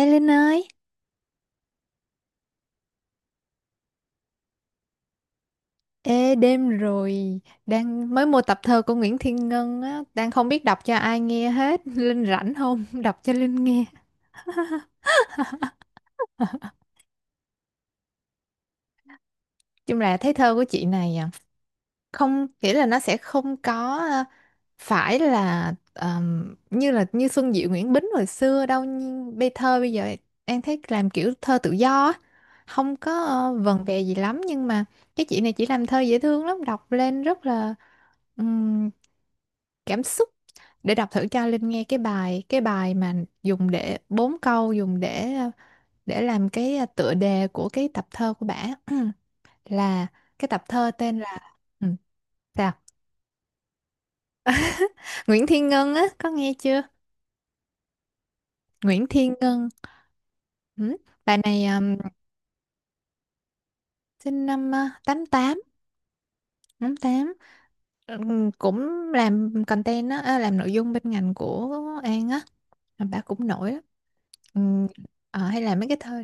Ê Linh ơi, ê đêm rồi, đang mới mua tập thơ của Nguyễn Thiên Ngân á, đang không biết đọc cho ai nghe hết, Linh rảnh không? Đọc cho Linh nghe. Chung là thấy thơ của chị này à, không nghĩa là nó sẽ không có à, phải là như Xuân Diệu Nguyễn Bính hồi xưa đâu, nhưng thơ bây giờ em thấy làm kiểu thơ tự do á, không có vần vè gì lắm, nhưng mà cái chị này chỉ làm thơ dễ thương lắm, đọc lên rất là cảm xúc. Để đọc thử cho Linh nghe cái bài mà dùng để bốn câu, dùng để để làm cái tựa đề của cái tập thơ của bả. Là cái tập thơ tên là. Ừ, sao? Nguyễn Thiên Ngân á, có nghe chưa? Nguyễn Thiên Ngân. Ừ. Bà này sinh năm tám tám, tám tám. Cũng làm content á, à, làm nội dung bên ngành của An á. Mà bà cũng nổi lắm. Ừm, hay làm mấy cái thơ.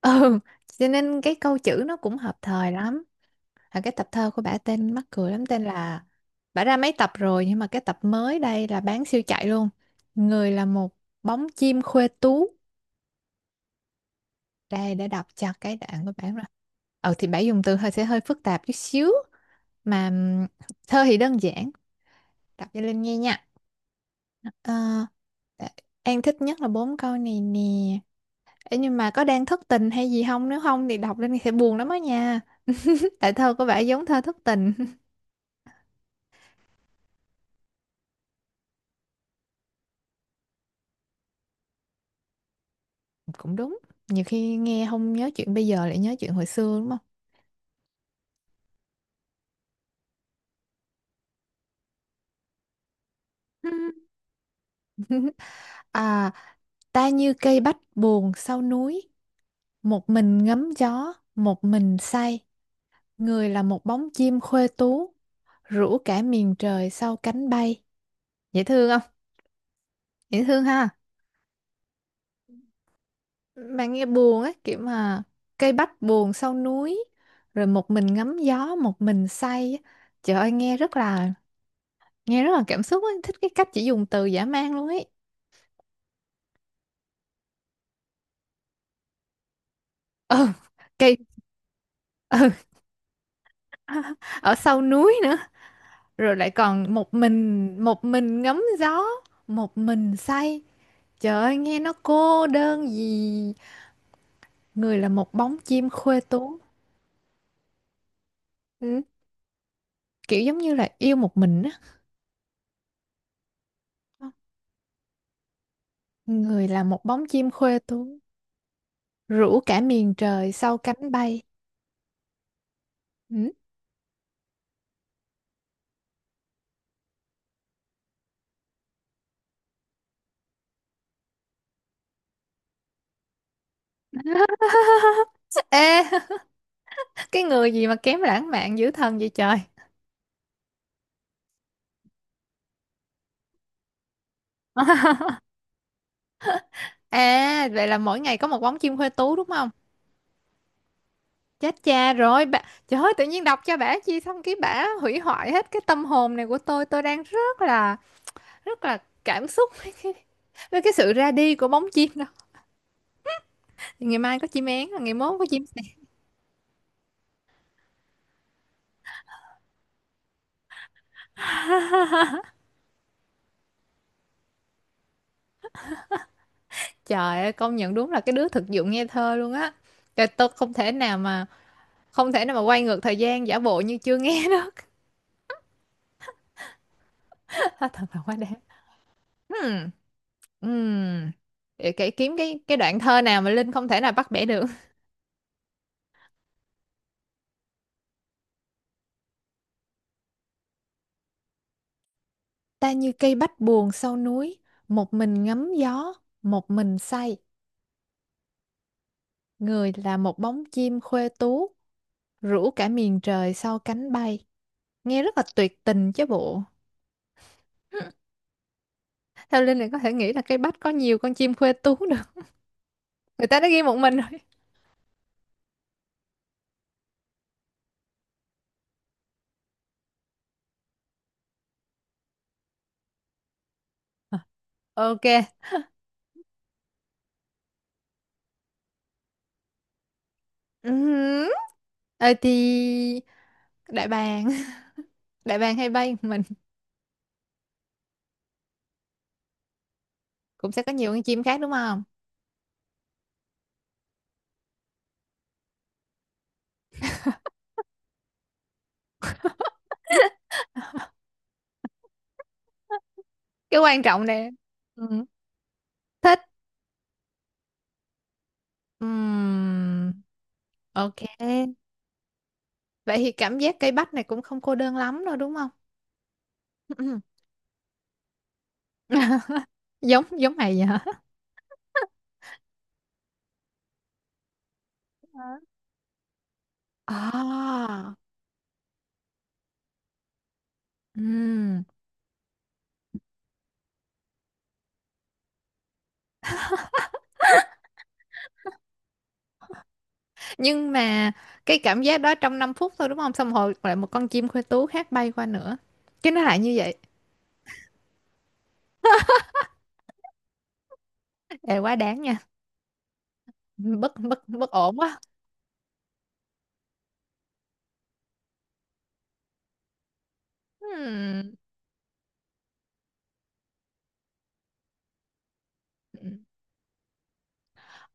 Ừ, cho nên cái câu chữ nó cũng hợp thời lắm. À, cái tập thơ của bả tên mắc cười lắm, tên là bả ra mấy tập rồi, nhưng mà cái tập mới đây là bán siêu chạy luôn. Người là một bóng chim khuê tú. Đây để đọc cho cái đoạn của bả rồi. Ừ thì bả dùng từ hơi phức tạp chút xíu. Mà thơ thì đơn giản. Đọc cho Linh nghe nha. Ờ, An thích nhất là bốn câu này nè. Ê, nhưng mà có đang thất tình hay gì không? Nếu không thì đọc lên thì sẽ buồn lắm á nha. Tại thơ có vẻ giống thơ thất tình. Cũng đúng. Nhiều khi nghe không nhớ chuyện bây giờ, lại nhớ chuyện hồi xưa đúng không? Ừ. À, ta như cây bách buồn sau núi, một mình ngắm gió, một mình say. Người là một bóng chim khuê tú, rủ cả miền trời sau cánh bay. Dễ thương không? Dễ thương ha. Bạn nghe buồn á, kiểu mà cây bách buồn sau núi, rồi một mình ngắm gió, một mình say á. Trời ơi, nghe rất là cảm xúc ấy. Thích cái cách chỉ dùng từ dã man luôn ấy. Ừ, cây, ừ, ở sau núi nữa, rồi lại còn một mình, một mình ngắm gió, một mình say. Trời ơi, nghe nó cô đơn gì. Người là một bóng chim khuê tú. Ừ, kiểu giống như là yêu một mình á. Người là một bóng chim khuê tú, rủ cả miền trời sau cánh bay. Ừ. Ê, cái người gì mà kém lãng mạn dữ thần vậy trời. À, vậy là mỗi ngày có một bóng chim huê tú đúng không? Chết cha rồi bà. Trời ơi, tự nhiên đọc cho bả chi xong cái bả hủy hoại hết cái tâm hồn này của tôi. Tôi đang rất là, rất là cảm xúc với cái sự ra đi của bóng chim đó. Ngày mai có chim én, ngày mốt có chim sẻ. Trời ơi, công nhận đúng là cái đứa thực dụng nghe thơ luôn á. Trời, tôi không thể nào mà không thể nào mà quay ngược thời gian giả bộ như chưa nghe đó. Hết thần, thần hóa đá. Hmm. Hmm. Để kiếm cái đoạn thơ nào mà Linh không thể nào bắt bẻ được. Ta như cây bách buồn sau núi, một mình ngắm gió, một mình say. Người là một bóng chim khuê tú, rủ cả miền trời sau cánh bay. Nghe rất là tuyệt tình chứ bộ. Hmm, theo Linh này có thể nghĩ là cây bách có nhiều con chim khuê tú được. Người ta đã ghi một mình rồi. À, ok. Ừm. Ờ thì đại bàng, đại bàng hay bay một mình, cũng sẽ có nhiều con chim khác đúng không? Cái quan trọng nè. Ừ. Thích. Ừm, ok, vậy thì cảm giác cây bách này cũng không cô đơn lắm đâu đúng không? Ừ. Giống giống mày vậy hả? Hả? À, ừm. Nhưng mà cái cảm giác đó trong năm phút thôi đúng không, xong rồi lại một con chim khuê tú khác bay qua nữa, cái nó lại như vậy. Ê, quá đáng nha, bất bất bất ổn quá. Ừm.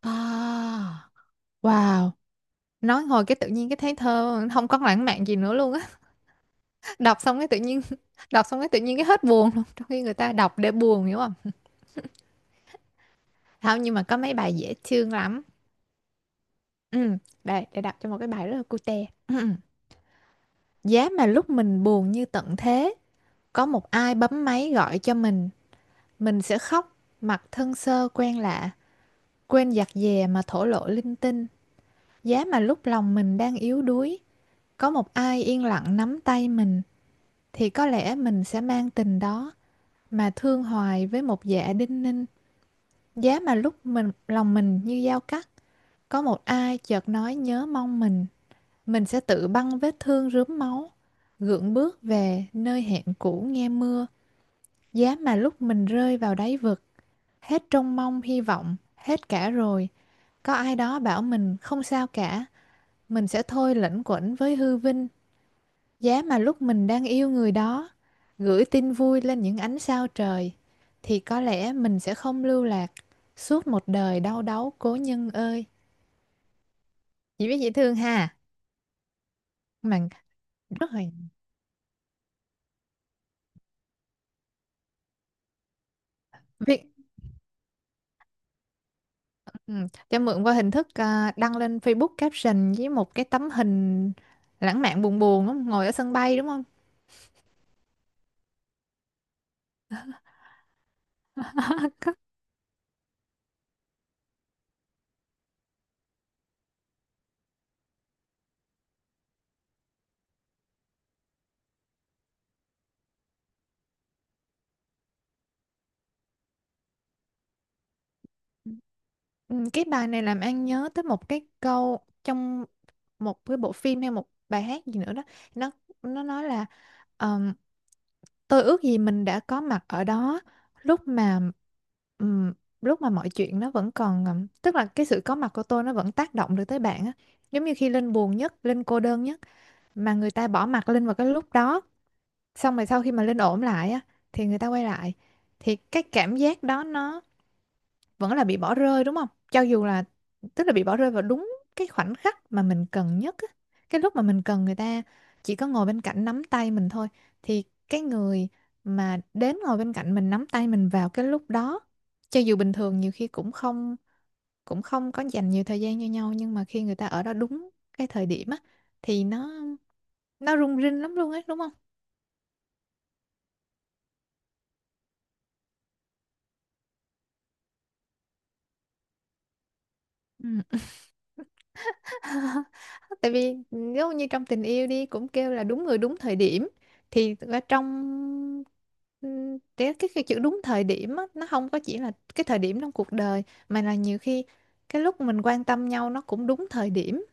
À, wow. Nói hồi cái tự nhiên cái thấy thơ không có lãng mạn gì nữa luôn á, đọc xong cái tự nhiên đọc xong cái tự nhiên cái hết buồn luôn, trong khi người ta đọc để buồn hiểu không. Không, nhưng mà có mấy bài dễ thương lắm. Ừ. Đây để đọc cho một cái bài rất là cute. Ừ. Giá mà lúc mình buồn như tận thế, có một ai bấm máy gọi cho mình sẽ khóc mặt thân sơ quen lạ, quên giặt dè mà thổ lộ linh tinh. Giá mà lúc lòng mình đang yếu đuối, có một ai yên lặng nắm tay mình, thì có lẽ mình sẽ mang tình đó mà thương hoài với một dạ đinh ninh. Giá mà lúc mình, lòng mình như dao cắt, có một ai chợt nói nhớ mong mình sẽ tự băng vết thương rướm máu, gượng bước về nơi hẹn cũ nghe mưa. Giá mà lúc mình rơi vào đáy vực, hết trông mong hy vọng, hết cả rồi. Có ai đó bảo mình không sao cả, mình sẽ thôi lẩn quẩn với hư vinh. Giá mà lúc mình đang yêu người đó, gửi tin vui lên những ánh sao trời, thì có lẽ mình sẽ không lưu lạc suốt một đời đau đáu cố nhân ơi. Chị biết dễ thương ha, mà rất là viết. Ừ, cho mượn qua hình thức, à, đăng lên Facebook caption với một cái tấm hình lãng mạn buồn buồn đúng. Ngồi ở sân bay đúng không? Ừ, cái bài này làm An nhớ tới một cái câu trong một cái bộ phim hay một bài hát gì nữa đó, nó nó nói là tôi ước gì mình đã có mặt ở đó lúc mà ừm, lúc mà mọi chuyện nó vẫn còn, tức là cái sự có mặt của tôi nó vẫn tác động được tới bạn á. Giống như khi Linh buồn nhất, Linh cô đơn nhất, mà người ta bỏ mặt Linh vào cái lúc đó, xong rồi sau khi mà Linh ổn lại á, thì người ta quay lại, thì cái cảm giác đó nó vẫn là bị bỏ rơi đúng không? Cho dù là, tức là bị bỏ rơi vào đúng cái khoảnh khắc mà mình cần nhất á. Cái lúc mà mình cần người ta chỉ có ngồi bên cạnh nắm tay mình thôi, thì cái người mà đến ngồi bên cạnh mình nắm tay mình vào cái lúc đó, cho dù bình thường nhiều khi cũng không có dành nhiều thời gian cho nhau, nhưng mà khi người ta ở đó đúng cái thời điểm á, thì nó rung rinh lắm luôn ấy đúng không? Tại vì nếu như trong tình yêu đi cũng kêu là đúng người đúng thời điểm, thì ở trong cái chữ đúng thời điểm á, nó không có chỉ là cái thời điểm trong cuộc đời, mà là nhiều khi cái lúc mình quan tâm nhau nó cũng đúng thời điểm,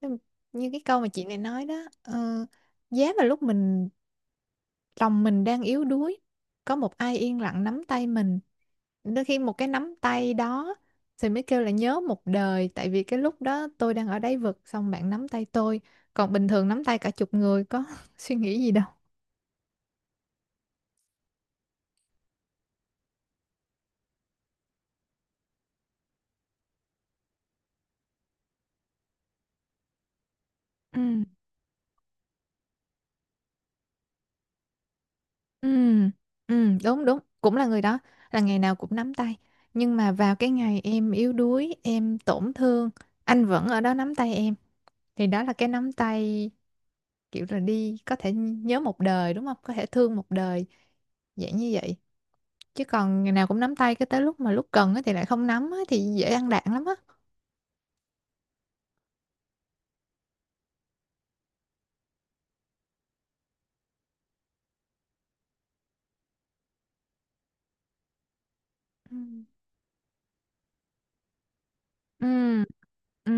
như như cái câu mà chị này nói đó. Ờ, giá mà lúc mình lòng mình đang yếu đuối, có một ai yên lặng nắm tay mình. Đôi khi một cái nắm tay đó thì mới kêu là nhớ một đời, tại vì cái lúc đó tôi đang ở đáy vực xong bạn nắm tay tôi. Còn bình thường nắm tay cả chục người có suy nghĩ gì đâu. Ừ. Ừ. Ừ, đúng, đúng, cũng là người đó, là ngày nào cũng nắm tay, nhưng mà vào cái ngày em yếu đuối, em tổn thương, anh vẫn ở đó nắm tay em, thì đó là cái nắm tay kiểu là đi có thể nhớ một đời đúng không, có thể thương một đời, dạng như vậy. Chứ còn ngày nào cũng nắm tay cái tới lúc mà, lúc cần á thì lại không nắm á thì dễ ăn đạn lắm á. Ừ. Ừ. Ừ.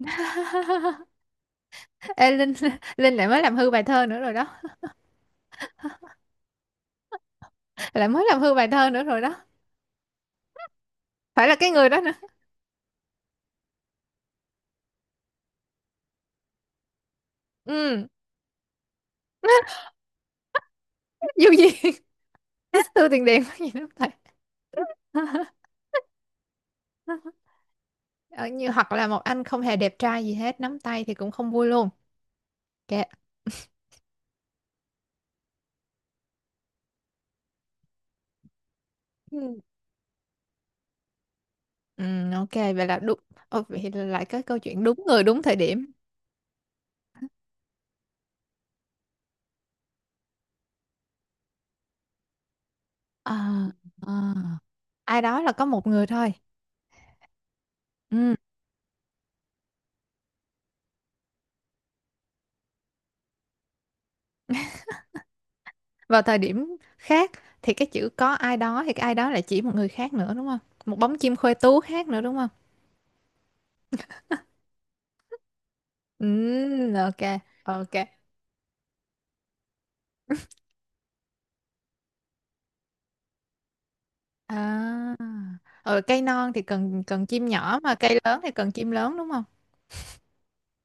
Ê, Linh, Linh lại mới làm hư bài thơ nữa rồi đó, lại mới làm hư bài thơ nữa rồi đó. Phải là cái người đó nữa. Ừ. Dù gì, thu tiền điện có gì nắm tay. Ờ, như hoặc là một anh không hề đẹp trai gì hết nắm tay thì cũng không vui luôn, kệ. Ừ. Ừ, ok, vậy là đúng. Ồ, vậy là lại cái câu chuyện đúng người đúng thời điểm. À. À. Ai đó là có một người thôi, ừ. Vào thời điểm khác thì cái chữ "có ai đó" thì cái ai đó lại chỉ một người khác nữa, đúng không? Một bóng chim khoe tú khác nữa, đúng không? Ừ, ok ok. À ừ, cây non thì cần cần chim nhỏ mà cây lớn thì cần chim lớn, đúng không?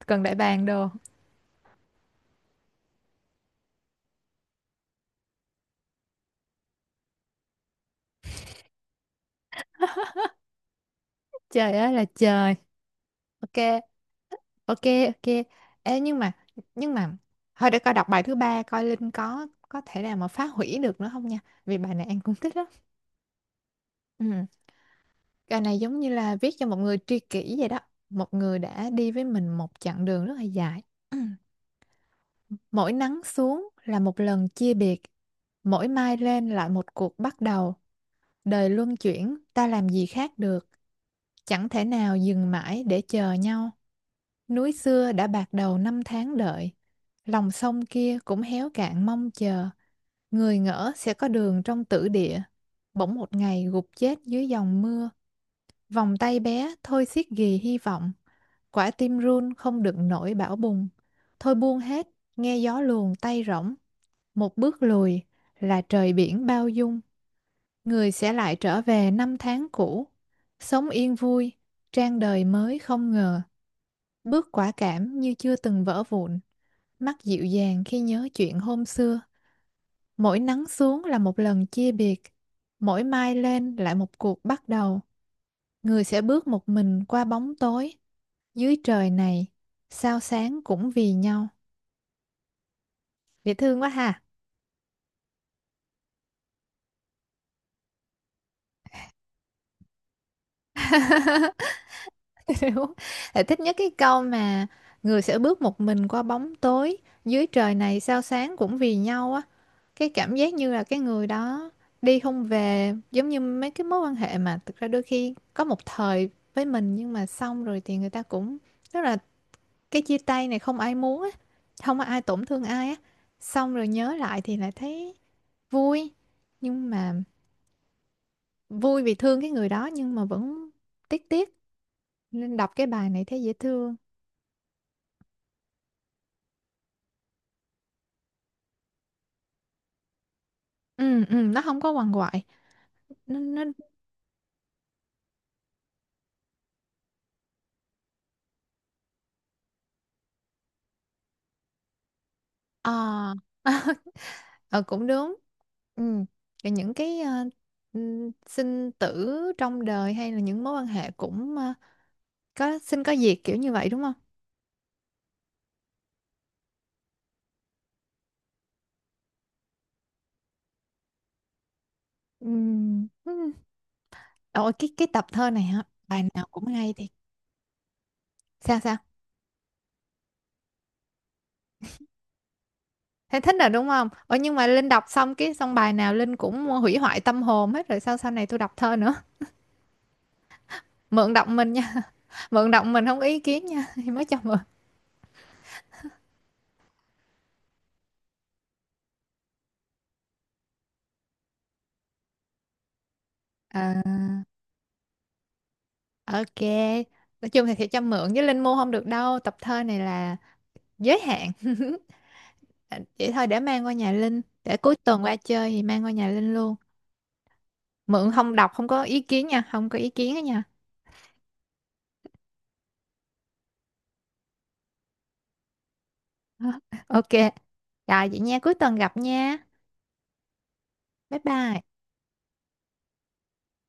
Cần đại bàng đồ. Trời ơi là trời. Ok, ok, ok. Ê, nhưng mà thôi để coi đọc bài thứ ba coi Linh có thể nào mà phá hủy được nữa không nha, vì bài này An cũng thích lắm. Ừ. Bài này giống như là viết cho một người tri kỷ vậy đó, một người đã đi với mình một chặng đường rất là dài. Ừ. Mỗi nắng xuống là một lần chia biệt, mỗi mai lên lại một cuộc bắt đầu. Đời luân chuyển ta làm gì khác được, chẳng thể nào dừng mãi để chờ nhau. Núi xưa đã bạc đầu năm tháng đợi, lòng sông kia cũng héo cạn mong chờ. Người ngỡ sẽ có đường trong tử địa, bỗng một ngày gục chết dưới dòng mưa. Vòng tay bé thôi xiết ghì hy vọng, quả tim run không đựng nổi bão bùng. Thôi buông hết, nghe gió luồn tay rỗng, một bước lùi là trời biển bao dung. Người sẽ lại trở về năm tháng cũ, sống yên vui, trang đời mới không ngờ, bước quả cảm như chưa từng vỡ vụn. Mắt dịu dàng khi nhớ chuyện hôm xưa, mỗi nắng xuống là một lần chia biệt, mỗi mai lên lại một cuộc bắt đầu. Người sẽ bước một mình qua bóng tối, dưới trời này, sao sáng cũng vì nhau. Dễ thương quá ha. Đúng. Lại thích nhất cái câu mà người sẽ bước một mình qua bóng tối, dưới trời này sao sáng cũng vì nhau á. Cái cảm giác như là cái người đó đi không về, giống như mấy cái mối quan hệ mà thực ra đôi khi có một thời với mình, nhưng mà xong rồi thì người ta cũng, tức là cái chia tay này không ai muốn á, không có ai tổn thương ai á, xong rồi nhớ lại thì lại thấy vui, nhưng mà vui vì thương cái người đó nhưng mà vẫn tiếc tiếc, nên đọc cái bài này thấy dễ thương. Ừ ừ, nó không có quằn quại. Nó nó ờ ờ Cũng đúng. Ừ. Rồi những cái sinh tử trong đời hay là những mối quan hệ cũng có sinh có diệt kiểu như vậy, đúng không? Ừm, ừm. Ôi cái tập thơ này hả, bài nào cũng hay thiệt. Sao sao, thấy thích rồi đúng không? Ôi nhưng mà Linh đọc xong cái xong bài nào Linh cũng hủy hoại tâm hồn hết rồi, sao sau này tôi đọc thơ nữa. Mượn đọc mình nha. Mượn đọc mình không có ý kiến nha. Mới cho mượn. À, ok, nói chung thì sẽ cho mượn, với Linh mua không được đâu, tập thơ này là giới hạn. À, vậy thôi để mang qua nhà Linh. Để cuối tuần qua chơi thì mang qua nhà Linh luôn. Mượn không đọc không có ý kiến nha. Không có ý kiến đó nha. Ok. Rồi vậy nha, cuối tuần gặp nha. Bye bye.